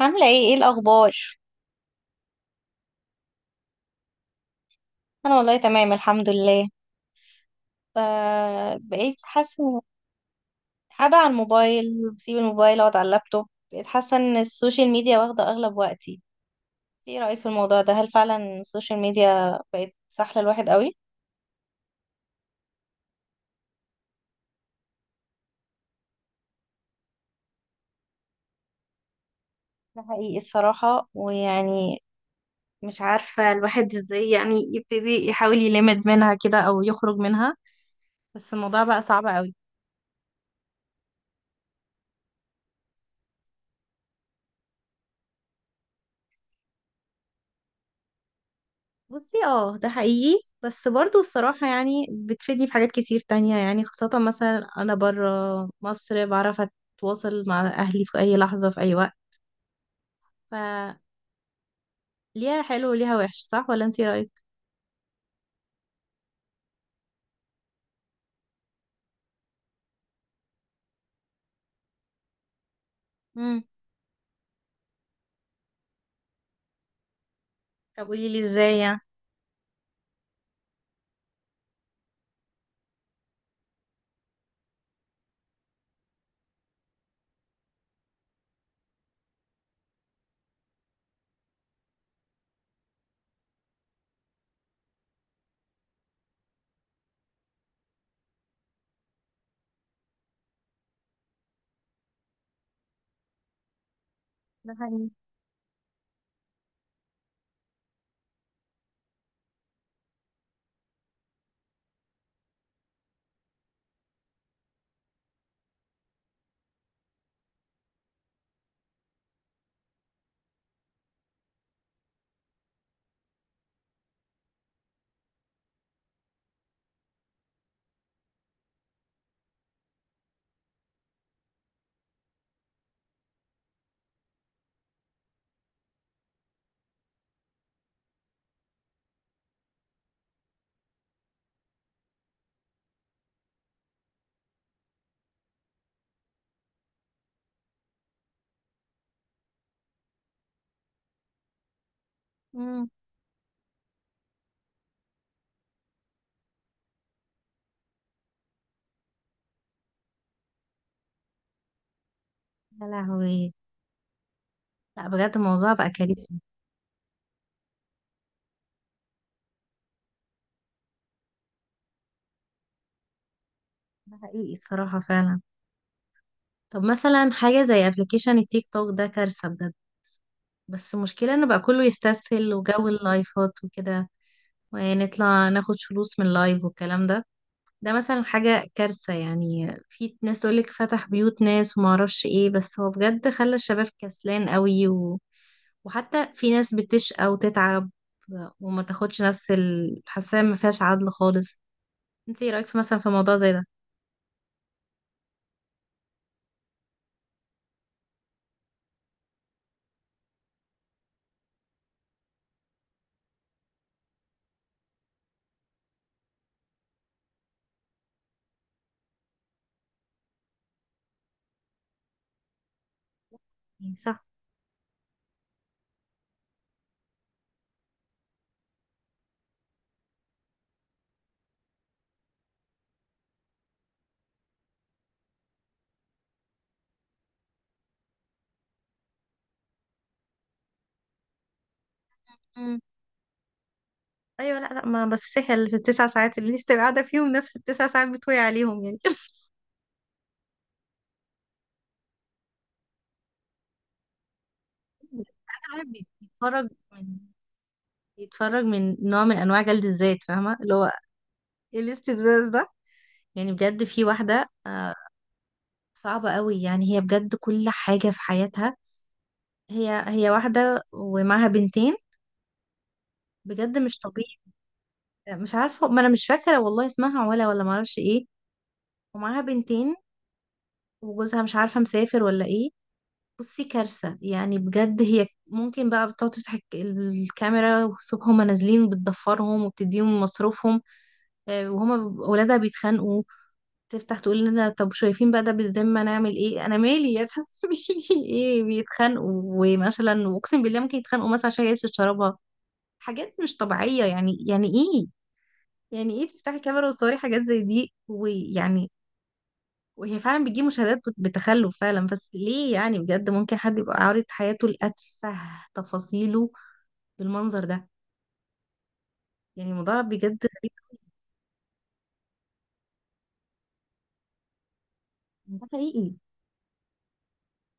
عاملة ايه الأخبار؟ أنا والله تمام الحمد لله. بقيت حاسة إن قاعدة على الموبايل، بسيب الموبايل أقعد على اللابتوب. بقيت حاسة إن السوشيال ميديا واخدة أغلب وقتي. ايه رأيك في الموضوع ده؟ هل فعلا السوشيال ميديا بقت سحلة الواحد قوي؟ ده حقيقي الصراحة، ويعني مش عارفة الواحد ازاي يعني يبتدي يحاول يلمد منها كده أو يخرج منها، بس الموضوع بقى صعب قوي. بصي اه، ده حقيقي، بس برضو الصراحة يعني بتفيدني في حاجات كتير تانية، يعني خاصة مثلا أنا برا مصر، بعرف أتواصل مع أهلي في أي لحظة في أي وقت. فليها حلو وليها وحش، صح ولا انتي رأيك؟ مم. طب قوليلي ازاي يعني. ده حقيقي. مم. يا لهوي، لا بجد الموضوع بقى كارثي. ده حقيقي الصراحة فعلا. طب مثلا حاجة زي ابلكيشن التيك توك ده كارثة بجد. بس المشكلة ان بقى كله يستسهل وجو اللايفات وكده، ونطلع ناخد فلوس من لايف والكلام ده. ده مثلا حاجة كارثة، يعني في ناس تقولك فتح بيوت ناس وما اعرفش ايه، بس هو بجد خلى الشباب كسلان قوي وحتى في ناس بتشقى وتتعب وما تاخدش نفس حاسة ما فيهاش عدل خالص. انت ايه رأيك في مثلا في موضوع زي ده؟ صح. مم. ايوه لا لا، ما بس سهل في التسع ساعات اللي انت بتبقى قاعدة فيهم نفس التسع ساعات بتوي عليهم يعني. ساعات الواحد بيتفرج من يتفرج من نوع من انواع جلد الذات، فاهمه اللي هو ايه الاستفزاز ده؟ يعني بجد في واحده صعبه قوي يعني. هي بجد كل حاجه في حياتها، هي هي واحده ومعاها بنتين، بجد مش طبيعي. مش عارفه، ما انا مش فاكره والله اسمها ولا ما اعرفش ايه. ومعاها بنتين وجوزها مش عارفه مسافر ولا ايه. بصي كارثه يعني، بجد هي ممكن بقى بتقعد تفتح الكاميرا، وصبح هما نازلين بتضفرهم وبتديهم مصروفهم، وهما ولادها بيتخانقوا، تفتح تقول لنا طب شايفين بقى ده بالذمة نعمل ايه، انا مالي يا تعملي. ايه، بيتخانقوا، ومثلا واقسم بالله ممكن يتخانقوا مثلا عشان هي بتشربها. حاجات مش طبيعية يعني. يعني ايه يعني ايه تفتحي كاميرا وتصوري حاجات زي دي ويعني؟ وهي فعلا بتجيب مشاهدات، بتخلف فعلا، بس ليه يعني؟ بجد ممكن حد يبقى عارض حياته لأتفه تفاصيله بالمنظر ده؟ يعني الموضوع بجد غريب. ده حقيقي.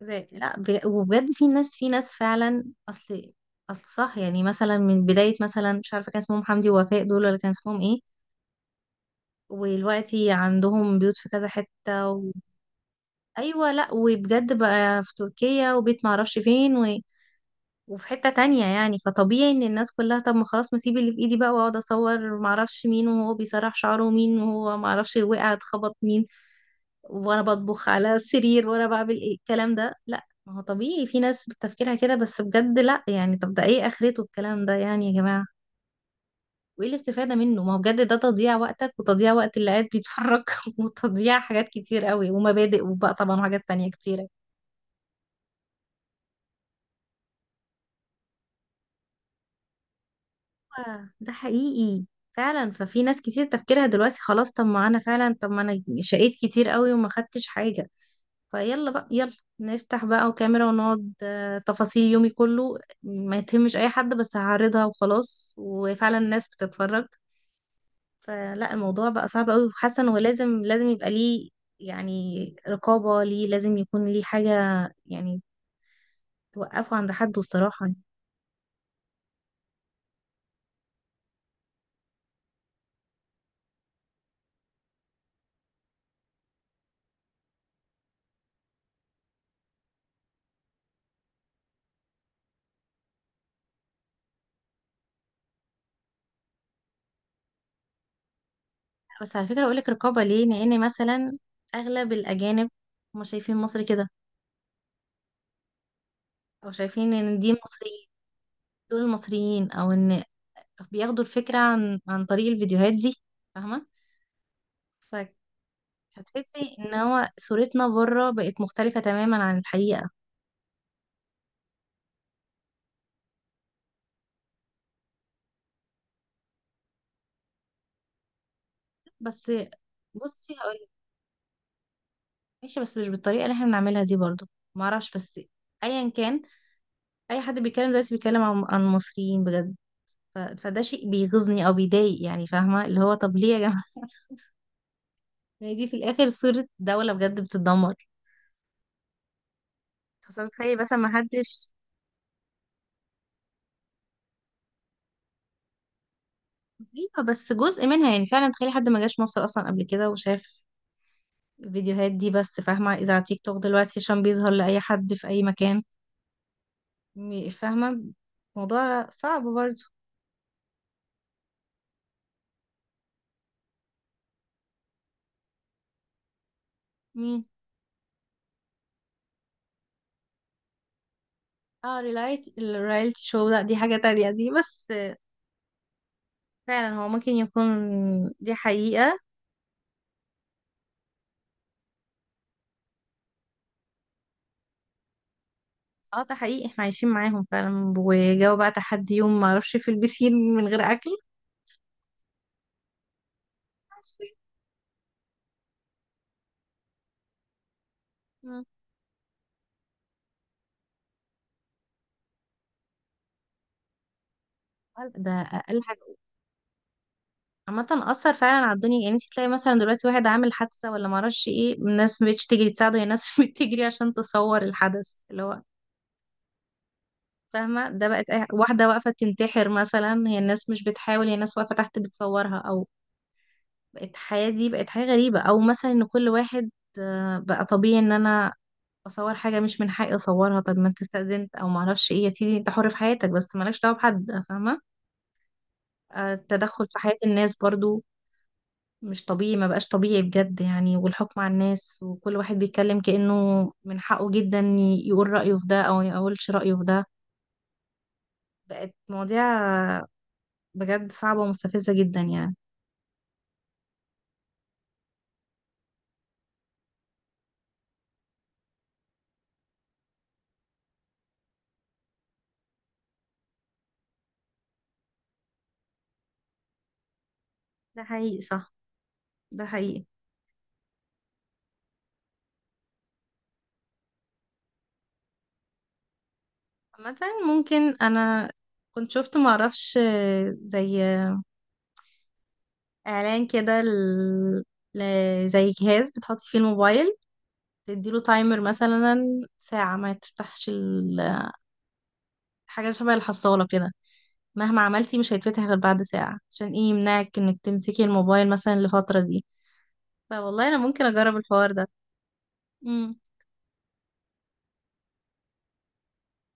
زي لا وبجد في ناس، في ناس فعلا اصل اصل صح، يعني مثلا من بداية مثلا مش عارفة كان اسمهم حمدي ووفاء دول ولا كان اسمهم ايه. ودلوقتي عندهم بيوت في كذا حتة ايوه لا، وبجد بقى في تركيا وبيت معرفش فين، وفي حتة تانية. يعني فطبيعي ان الناس كلها طب ما خلاص، ما اسيب اللي في ايدي بقى واقعد اصور معرفش مين وهو بيسرح شعره، ومين وهو معرفش وقع اتخبط مين، وانا بطبخ على السرير، وانا بعمل ايه الكلام ده. لا ما هو طبيعي في ناس بتفكيرها كده، بس بجد لا يعني، طب ده ايه اخرته الكلام ده يعني يا جماعة؟ وايه الاستفادة منه؟ ما هو بجد ده تضييع وقتك، وتضييع وقت اللي قاعد بيتفرج، وتضييع حاجات كتير قوي ومبادئ وبقى طبعا وحاجات تانية كتير. أيوة، ده حقيقي فعلا. ففي ناس كتير تفكيرها دلوقتي خلاص، طب ما انا فعلا، طب ما انا شقيت كتير قوي وما خدتش حاجة، فيلا بقى يلا نفتح بقى وكاميرا ونقعد، تفاصيل يومي كله، ما يتهمش اي حد، بس هعرضها وخلاص، وفعلا الناس بتتفرج. فلا الموضوع بقى صعب قوي، وحاسة انه لازم لازم يبقى ليه يعني رقابة، ليه لازم يكون ليه حاجة يعني توقفه عند حد الصراحة. بس على فكرة اقول لك رقابة ليه، لان مثلا اغلب الاجانب هم شايفين مصر كده، او شايفين ان دي مصريين، دول المصريين، او ان بياخدوا الفكرة عن طريق الفيديوهات دي، فاهمة؟ فهتحسي ان هو صورتنا بره بقت مختلفة تماما عن الحقيقة. بس بصي هقول لك، ماشي بس مش بالطريقة اللي احنا بنعملها دي برضو، معرفش. بس ايا كان، اي حد بيتكلم دلوقتي بيتكلم عن المصريين بجد، فده شيء بيغيظني او بيضايق، يعني فاهمة اللي هو طب ليه يا جماعة؟ يعني دي في الاخر صورة دولة بجد بتتدمر. خاصة تخيلي مثلا ما حدش، ايوه بس جزء منها، يعني فعلا تخيلي حد ما جاش مصر اصلا قبل كده وشاف الفيديوهات دي بس، فاهمة؟ اذا على تيك توك دلوقتي عشان بيظهر لأي حد في أي مكان، فاهمة؟ موضوع صعب برضه. مين؟ اه، ريلايت الرياليتي شو، لا دي حاجة تانية دي، بس فعلا هو ممكن يكون. دي حقيقة. اه ده حقيقي، احنا عايشين معاهم فعلا، وجاوا بقى تحدي يوم ما اعرفش، في البسين من غير اكل، ده اقل حاجة. عامة أثر فعلا على الدنيا، يعني انت تلاقي مثلا دلوقتي واحد عامل حادثة ولا معرفش ايه، الناس مبقتش تجري تساعده، هي الناس بتجري عشان تصور الحدث اللي هو، فاهمة؟ ده بقت واحدة واقفة تنتحر مثلا، هي الناس مش بتحاول، هي الناس واقفة تحت بتصورها أو بقت الحياة دي بقت حاجة غريبة. أو مثلا إن كل واحد بقى طبيعي إن أنا أصور حاجة مش من حقي أصورها. طب ما أنت استأذنت أو معرفش ايه، يا سيدي أنت حر في حياتك بس مالكش دعوة بحد، فاهمة؟ التدخل في حياة الناس برضو مش طبيعي، ما بقاش طبيعي بجد يعني. والحكم على الناس، وكل واحد بيتكلم كأنه من حقه جدا يقول رأيه في ده او ما يقولش رأيه في ده. بقت مواضيع بجد صعبة ومستفزة جدا يعني. ده حقيقي صح. ده حقيقي. مثلا ممكن انا كنت شفت معرفش، زي اعلان كده زي جهاز بتحطي فيه الموبايل، تديله تايمر مثلا ساعة، ما حاجة شبه الحصالة كده، مهما عملتي مش هيتفتح غير بعد ساعة، عشان ايه يمنعك انك تمسكي الموبايل مثلا الفترة دي. فوالله انا ممكن اجرب الحوار ده. امم.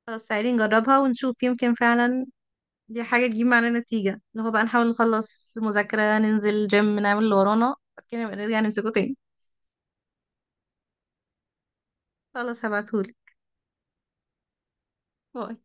خلاص تعالي نجربها ونشوف، يمكن فعلا دي حاجة تجيب معانا نتيجة، اللي هو بقى نحاول نخلص مذاكرة، ننزل جيم، نعمل اللي ورانا، بعد كده نبقى نرجع نمسكه تاني. خلاص هبعتهولك. باي.